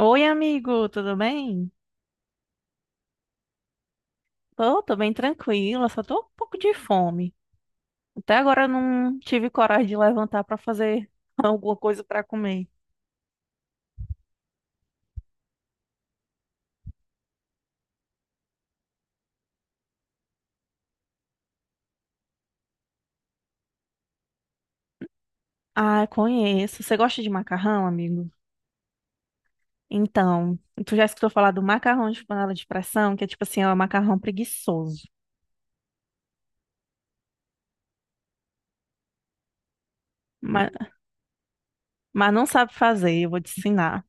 Oi, amigo, tudo bem? Tô bem tranquila, só tô um pouco de fome. Até agora eu não tive coragem de levantar pra fazer alguma coisa pra comer. Ah, conheço. Você gosta de macarrão, amigo? Então, tu já escutou falar do macarrão de panela de pressão, que é tipo assim, é um macarrão preguiçoso. Mas, mas não sabe fazer, eu vou te ensinar.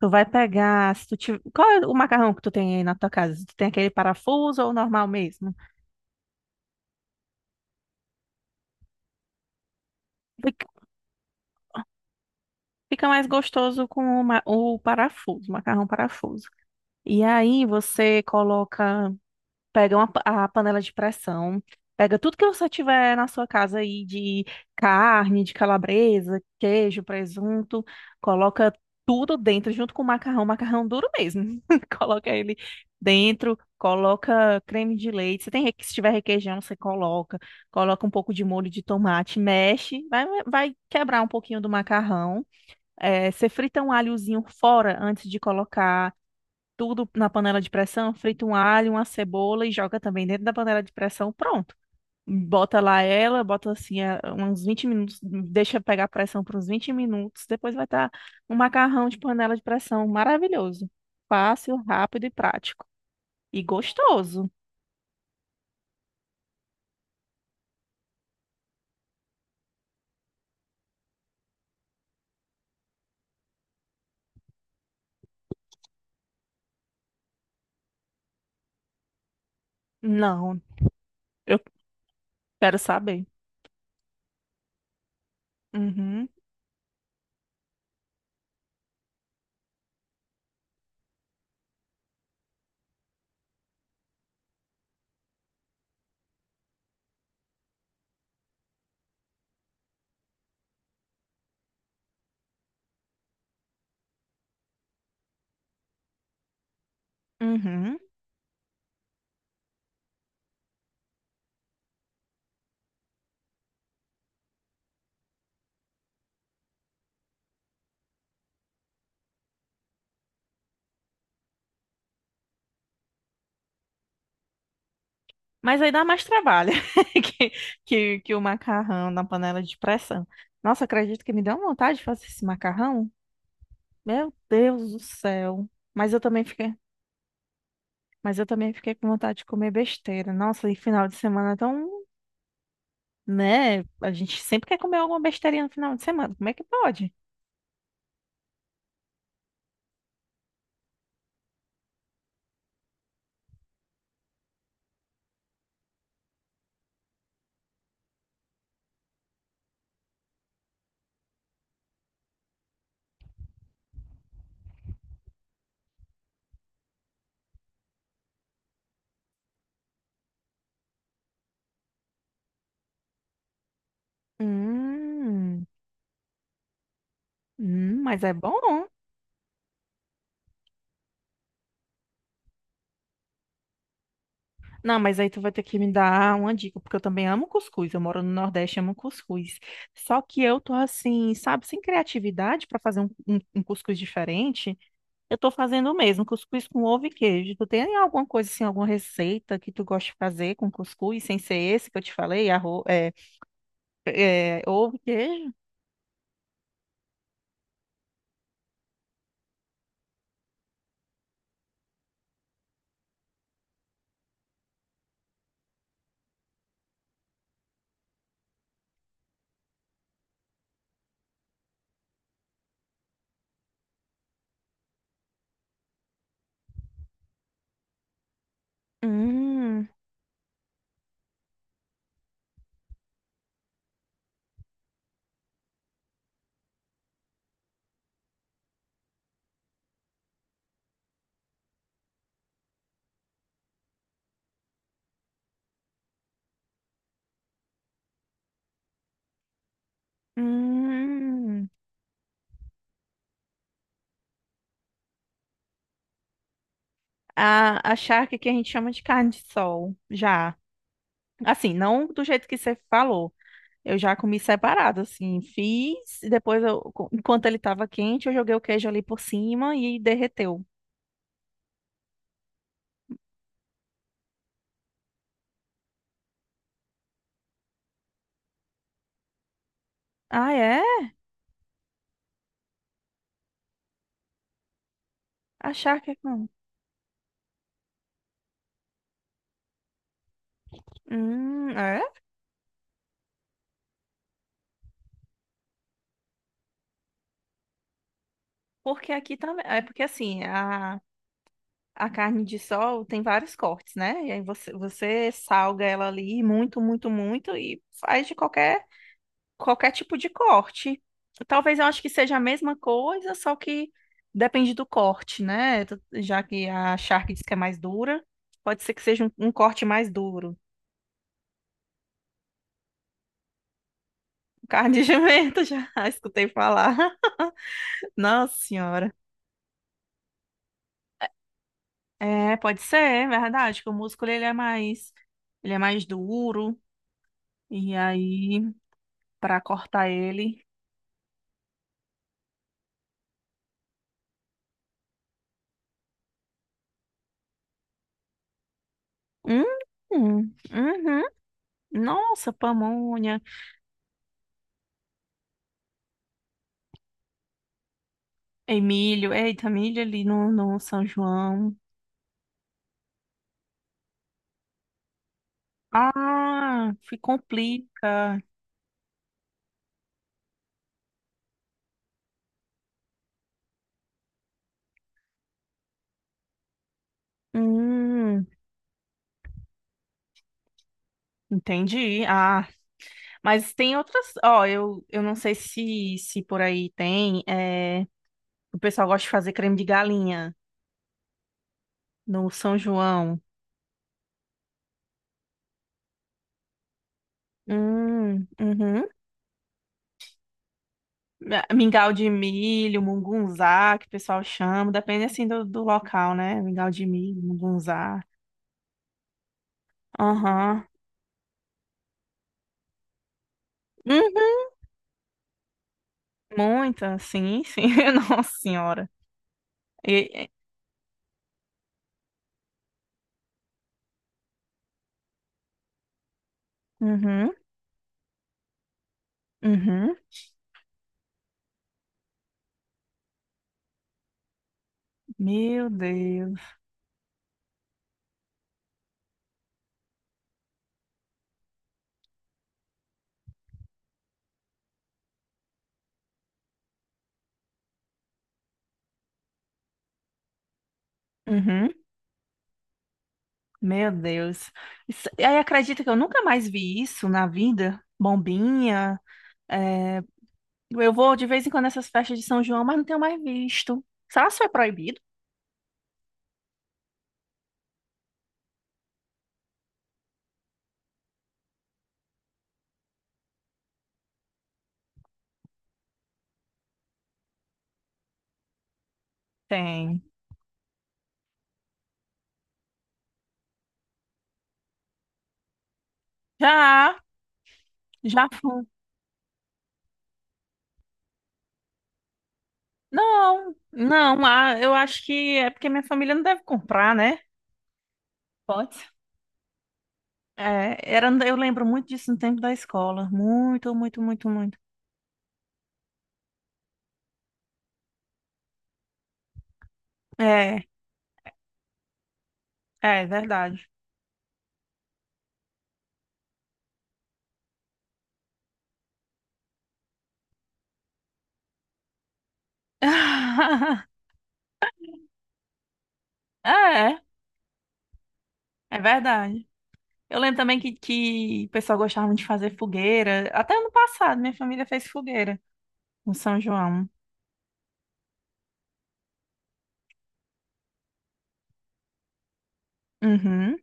Tu vai pegar, se tu tiver... Qual é o macarrão que tu tem aí na tua casa? Tu tem aquele parafuso ou o normal mesmo? Fica mais gostoso com o parafuso, macarrão parafuso. E aí você coloca, a panela de pressão, pega tudo que você tiver na sua casa aí de carne, de calabresa, queijo, presunto, coloca tudo dentro junto com o macarrão, macarrão duro mesmo. Coloca ele dentro, coloca creme de leite. Se tiver requeijão, você coloca, coloca um pouco de molho de tomate, mexe, vai, vai quebrar um pouquinho do macarrão. É, você frita um alhozinho fora antes de colocar tudo na panela de pressão, frita um alho, uma cebola e joga também dentro da panela de pressão, pronto. Bota lá ela, uns 20 minutos, deixa pegar a pressão por uns 20 minutos, depois vai estar um macarrão de panela de pressão maravilhoso. Fácil, rápido e prático. E gostoso. Não, eu quero saber. Uhum, uhum. Mas aí dá mais trabalho que, que o macarrão na panela de pressão. Nossa, acredito que me deu uma vontade de fazer esse macarrão. Meu Deus do céu. Mas eu também fiquei, mas eu também fiquei com vontade de comer besteira. Nossa, e final de semana é tão, né? A gente sempre quer comer alguma besteirinha no final de semana. Como é que pode? Hum, hum, mas é bom. Não, mas aí tu vai ter que me dar uma dica, porque eu também amo cuscuz. Eu moro no Nordeste, amo cuscuz. Só que eu tô assim, sabe, sem criatividade pra fazer um cuscuz diferente. Eu tô fazendo o mesmo, cuscuz com ovo e queijo. Tu tem alguma coisa assim, alguma receita que tu gosta de fazer com cuscuz, sem ser esse que eu te falei, ovo e queijo? Hum, hum. A charque que a gente chama de carne de sol, já. Assim, não do jeito que você falou. Eu já comi separado, assim. Fiz, e depois, enquanto ele tava quente, eu joguei o queijo ali por cima e derreteu. Ah, é? Achar que não? É? Porque aqui também. A carne de sol tem vários cortes, né? E aí você salga ela ali muito, muito, muito e faz de qualquer. Qualquer tipo de corte. Talvez eu acho que seja a mesma coisa, só que depende do corte, né? Tu- Já que a charque diz que é mais dura, pode ser que seja um corte mais duro. Carne de jumento, já escutei falar. Nossa senhora. É, pode ser, é verdade, que o músculo ele é mais duro e aí para cortar ele, hum, uhum. Nossa, pamonha, e milho, eita, milho ali no São João. Ah, se complica. Hum, entendi. Ah, mas tem outras. Ó, eu não sei se por aí tem. É, o pessoal gosta de fazer creme de galinha no São João. Uhum. Ah, mingau de milho, mungunzá, que o pessoal chama. Depende assim do local, né? Mingau de milho, mungunzá. Aham. Uhum. Muita, sim, sim. Nossa Senhora. E- e- Uhum, uhum. Meu Deus. Uhum. Meu Deus. Isso- e aí acredita que eu nunca mais vi isso na vida? Bombinha. É, eu vou de vez em quando nessas festas de São João, mas não tenho mais visto. Será que isso é proibido? Tem. Já, já fui. Não, não, ah, eu acho que é porque minha família não deve comprar, né? Pode. É, era, eu lembro muito disso no tempo da escola. Muito, muito, muito, muito. É, é verdade. É, é verdade. Eu lembro também que o pessoal gostava de fazer fogueira. Até ano passado, minha família fez fogueira no São João. Uhum.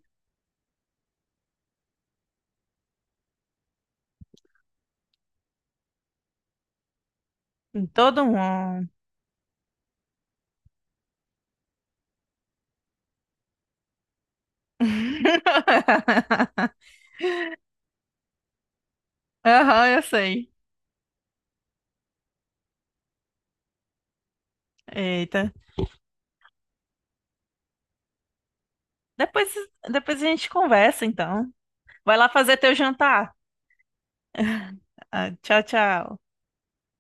Em todo mundo. Aham, eu sei. Eita. Depois, depois a gente conversa, então. Vai lá fazer teu jantar. Ah, tchau, tchau.